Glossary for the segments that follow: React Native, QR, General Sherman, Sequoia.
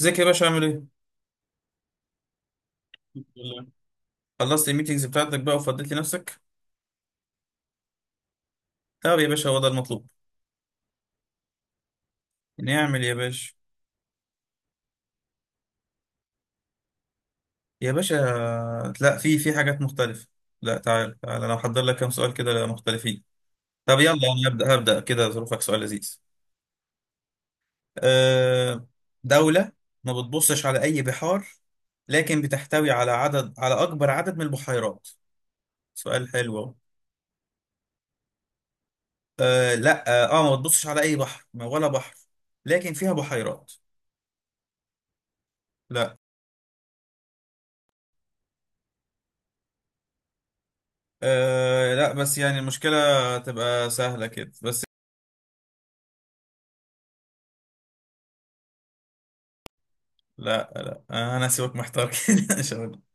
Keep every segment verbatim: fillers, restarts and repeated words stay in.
ازيك يا باشا؟ عامل ايه؟ الحمد لله. خلصت الميتينجز بتاعتك بقى وفضيت لنفسك؟ طب يا باشا هو ده المطلوب. نعمل يا باشا. يا باشا، لا في في حاجات مختلفة. لا، تعال تعال انا محضر لك كام سؤال كده مختلفين. طب يلا انا هبدأ هبدأ كده. ظروفك سؤال لذيذ. أه دولة ما بتبصش على أي بحار، لكن بتحتوي على عدد، على أكبر عدد من البحيرات. سؤال حلو أهو. أه لا اه آه، ما بتبصش على أي بحر، ما- ولا بحر، لكن فيها بحيرات. لا. أه لا بس يعني المشكلة تبقى سهلة كده بس. لا لا آه، أنا هسيبك محتار كده إن شاء الله.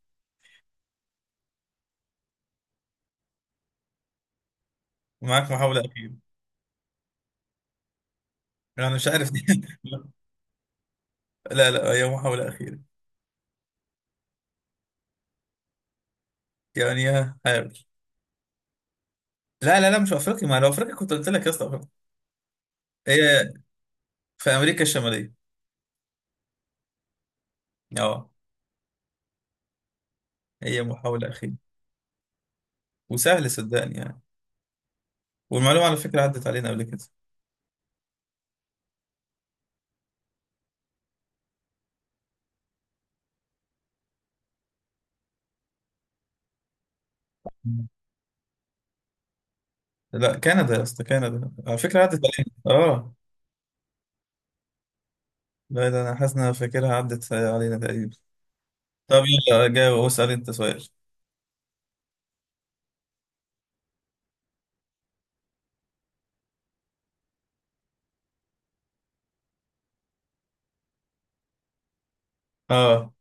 معاك محاولة أخيرة. أنا مش عارف. لا لا، هي محاولة أخيرة. يعني ها، حاول. لا لا لا، مش في أفريقيا، ما لو أفريقيا كنت قلت لك يا اسطى أفريقيا. هي في أمريكا الشمالية. أه، هي محاولة أخيرة. وسهل صدقني يعني. والمعلومة على فكرة عدت علينا قبل كده. لا، كندا يا اسطى، كندا على فكرة عدت علينا. أه لا، ده أنا حاسس إن أنا فاكرها عدت علينا تقريبا. طب يلا جاوب واسأل أنت سؤال. اه،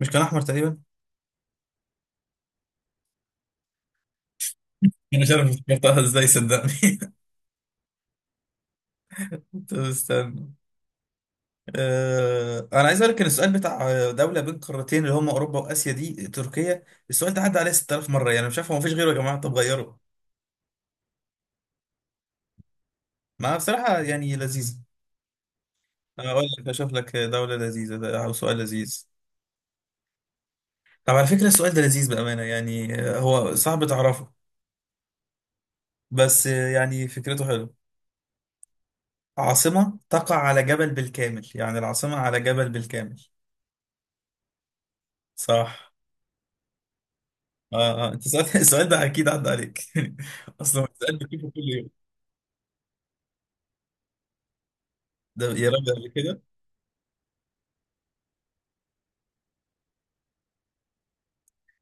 مش كان احمر تقريبا؟ انا مش عارف افتكرتها ازاي صدقني. طب استنى. آه، انا عايز اقول لك ان السؤال بتاع دوله بين قارتين اللي هم اوروبا واسيا دي تركيا، السؤال ده عدى عليه ست تلاف مره، يعني مش عارف، هو مفيش غيره يا جماعه؟ طب غيره. ما بصراحه يعني لذيذ. اقول لك اشوف لك دوله لذيذه، ده او سؤال لذيذ. طب على فكره السؤال ده لذيذ بامانه، يعني آه، هو صعب تعرفه بس، آه، يعني فكرته حلوه. عاصمه تقع على جبل بالكامل، يعني العاصمه على جبل بالكامل. صح. اه اه، انت سألت السؤال ده اكيد عدى عليك. اصلا السؤال بتجيبه كل يوم. ده يا رب قبل كده.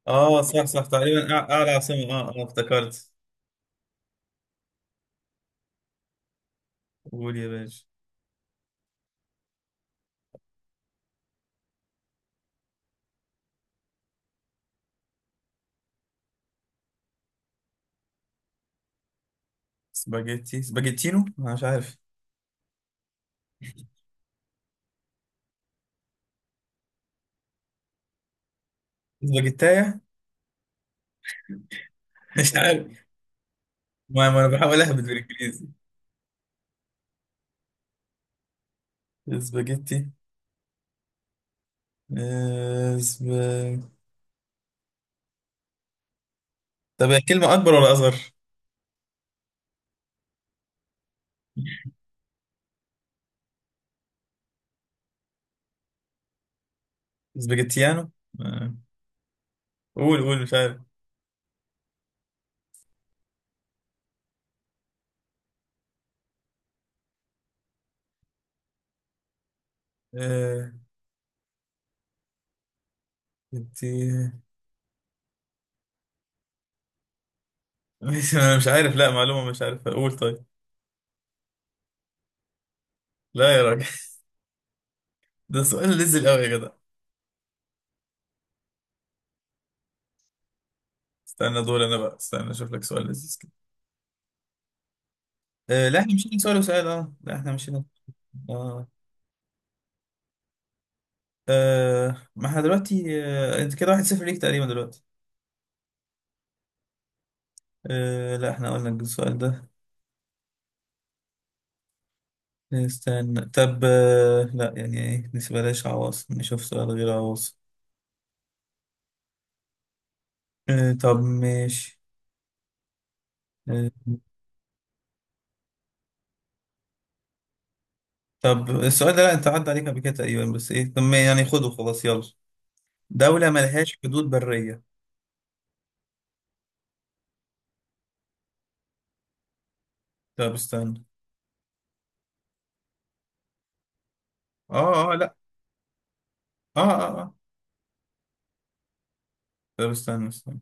اه صح صح، تقريبا أع- اعلى عاصمة. اه اه افتكرت. قول يا باشا. سباجيتي، سباجيتينو، انا مش عارف. سباجيتايا. مش عارف. ما, ما انا بحاول اهبط بالانجليزي. سباجيتي. آه، سب... طب هي كلمة اكبر ولا اصغر؟ سباجيتيانو. آه. قول قول، مش عارف. آه. انت! مش، أنا مش عارف لا معلومة، مش عارف، قول طيب. لا يا راجل. ده سؤال نزل قوي يا جدع. استنى دول، انا بقى استنى اشوف لك سؤال لذيذ كده. آه لا، احنا مشينا سؤال وسؤال، اه لا احنا مشينا. اه. آه، ما احنا دلوقتي، آه انت كده واحد صفر ليك تقريبا دلوقتي. آه لا، احنا قلنا السؤال ده. استنى طب، آه لا يعني ايه، بلاش عواصم، نشوف سؤال غير عواصم. آه طب ماشي. آه طب السؤال ده، لا انت عدى عليك قبل كده تقريبا بس، ايه طب ما يعني خده خلاص يلا. دولة ملهاش حدود برية. طب استنى. اه اه لا. اه اه اه. طب استنى استنى.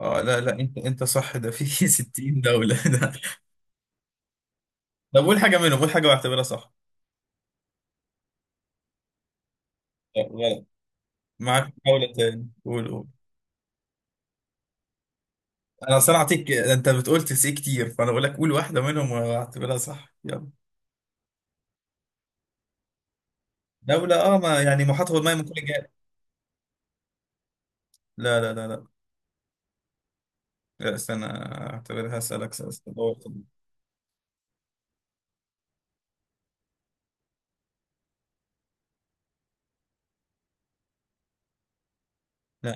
اه لا لا، انت انت صح، ده في ستين دولة ده. طب قول حاجة منهم، قول حاجة بعتبرها صح. لا، غلط. معاك دولة تاني، قول قول. انا اصل أنا هعطيك، انت بتقول تسي كتير، فانا بقول لك قول واحدة منهم واعتبرها صح يلا. دولة، اه ما يعني محاط هو الماء من كل جهة. لا لا لا لا. لا استنى، اعتبرها اسألك سؤال سؤال. لا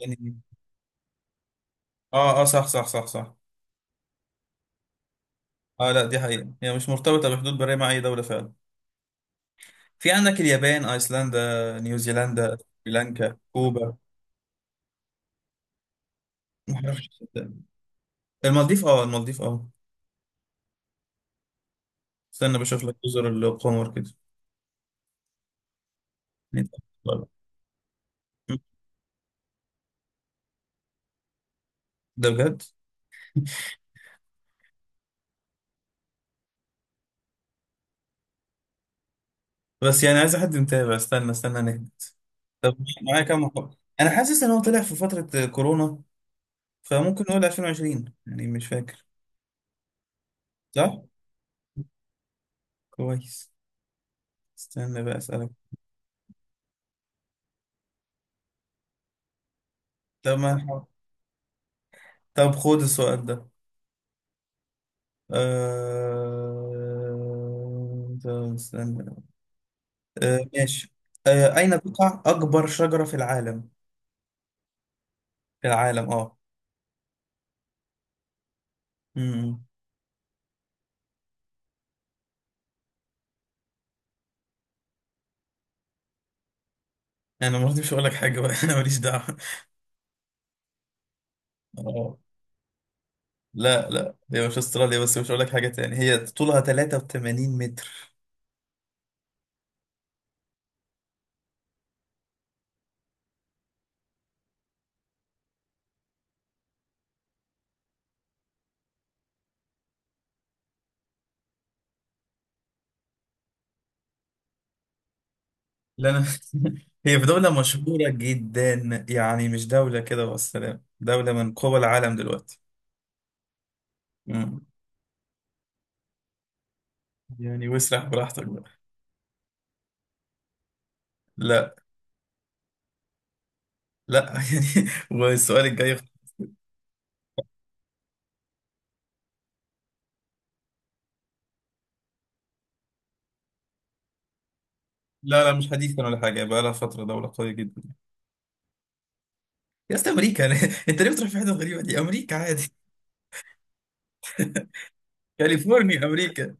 يعني. اه اه صح صح صح صح. اه لا، دي حقيقة هي مش مرتبطة بحدود برية مع اي دولة فعلا. في عندك اليابان، ايسلندا، نيوزيلندا، سريلانكا، كوبا. ما اعرفش. المالديف اه، المالديف اه. استنى بشوف لك جزر القمر كده. نتقابل. ده بجد؟ بس يعني عايز حد متابع. استنى استنى نهدى. طب معايا كام محاولة؟ انا حاسس ان هو طلع في فترة كورونا، فممكن نقول ألفين وعشرين يعني، مش فاكر. صح. كويس. استنى بقى اسألك. طب ما نحاول. طب خد السؤال ده. أه... طب استنى. أه... ماشي. أه... أين تقع أكبر شجرة في العالم؟ في العالم. اه. انا برضه مش هقول لك حاجه بقى، انا ماليش دعوه. اه لا لا، هي مش استراليا، بس مش هقول لك حاجه تاني. هي طولها تلاتة وتمانين متر. لا انا. هي في دوله مشهوره جدا، يعني مش دوله كده والسلام، دوله من قوى العالم دلوقتي. مم. يعني واسرح براحتك بقى. لا. لا. يعني والسؤال الجاي. لا لا، مش حديثا ولا حاجه، بقى لها فتره دوله قويه جدا. يا اسطى امريكا، انت ليه بتروح في حته غريبه دي؟ امريكا عادي. كاليفورنيا، امريكا.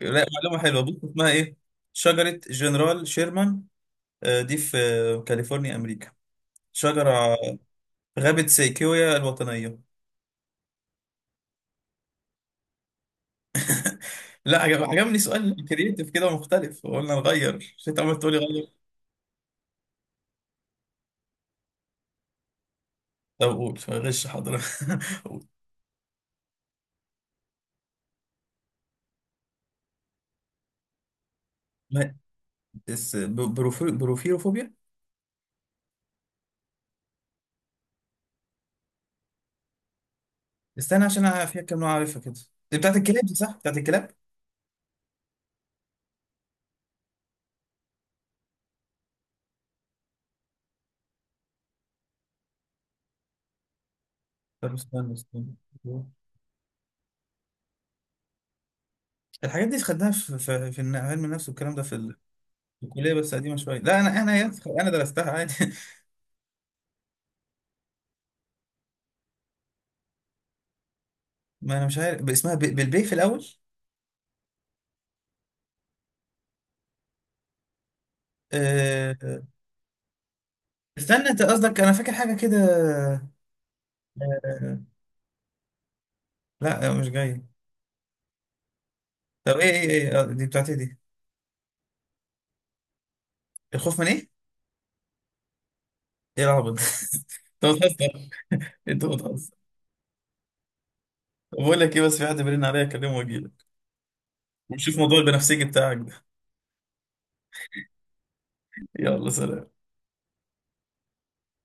لا، معلومة حلوة، بص اسمها ايه. شجرة جنرال شيرمان، آه، دي في آه، كاليفورنيا، أمريكا. شجرة في غابة سيكويا الوطنية. لا عجب، عجبني سؤال كرييتيف كده ومختلف، قلنا نغير، مش انت عمال تقول لي غير. طب قول غش، حاضر. قول. ما- بس ب- بروفي- بروفيروفوبيا. استنى عشان انا فيها كام نوع، عارفها كده. دي بتاعت الكلاب دي، صح؟ بتاعت الكلاب. طب استنى استنى. الحاجات دي خدناها في في, في الن- علم النفس والكلام ده في ال- في الكليه بس قديمه شويه. لا انا انا يا أخي، انا درستها عادي. ما انا مش عارف ب- اسمها ب- بالبي في الاول. أه... استنى، انت قصدك انا فاكر حاجه كده. أه... لا مش جاي. طب ايه ايه ايه، آه، دي بتاعت ايه دي؟ الخوف من ايه؟ ايه العبط ده؟ انت بتهزر. انت بتهزر. طب بقول لك ايه، بس في حد بيرن عليا اكلمه واجيلك ونشوف موضوع البنفسجي بتاعك ده. يلا، سلام.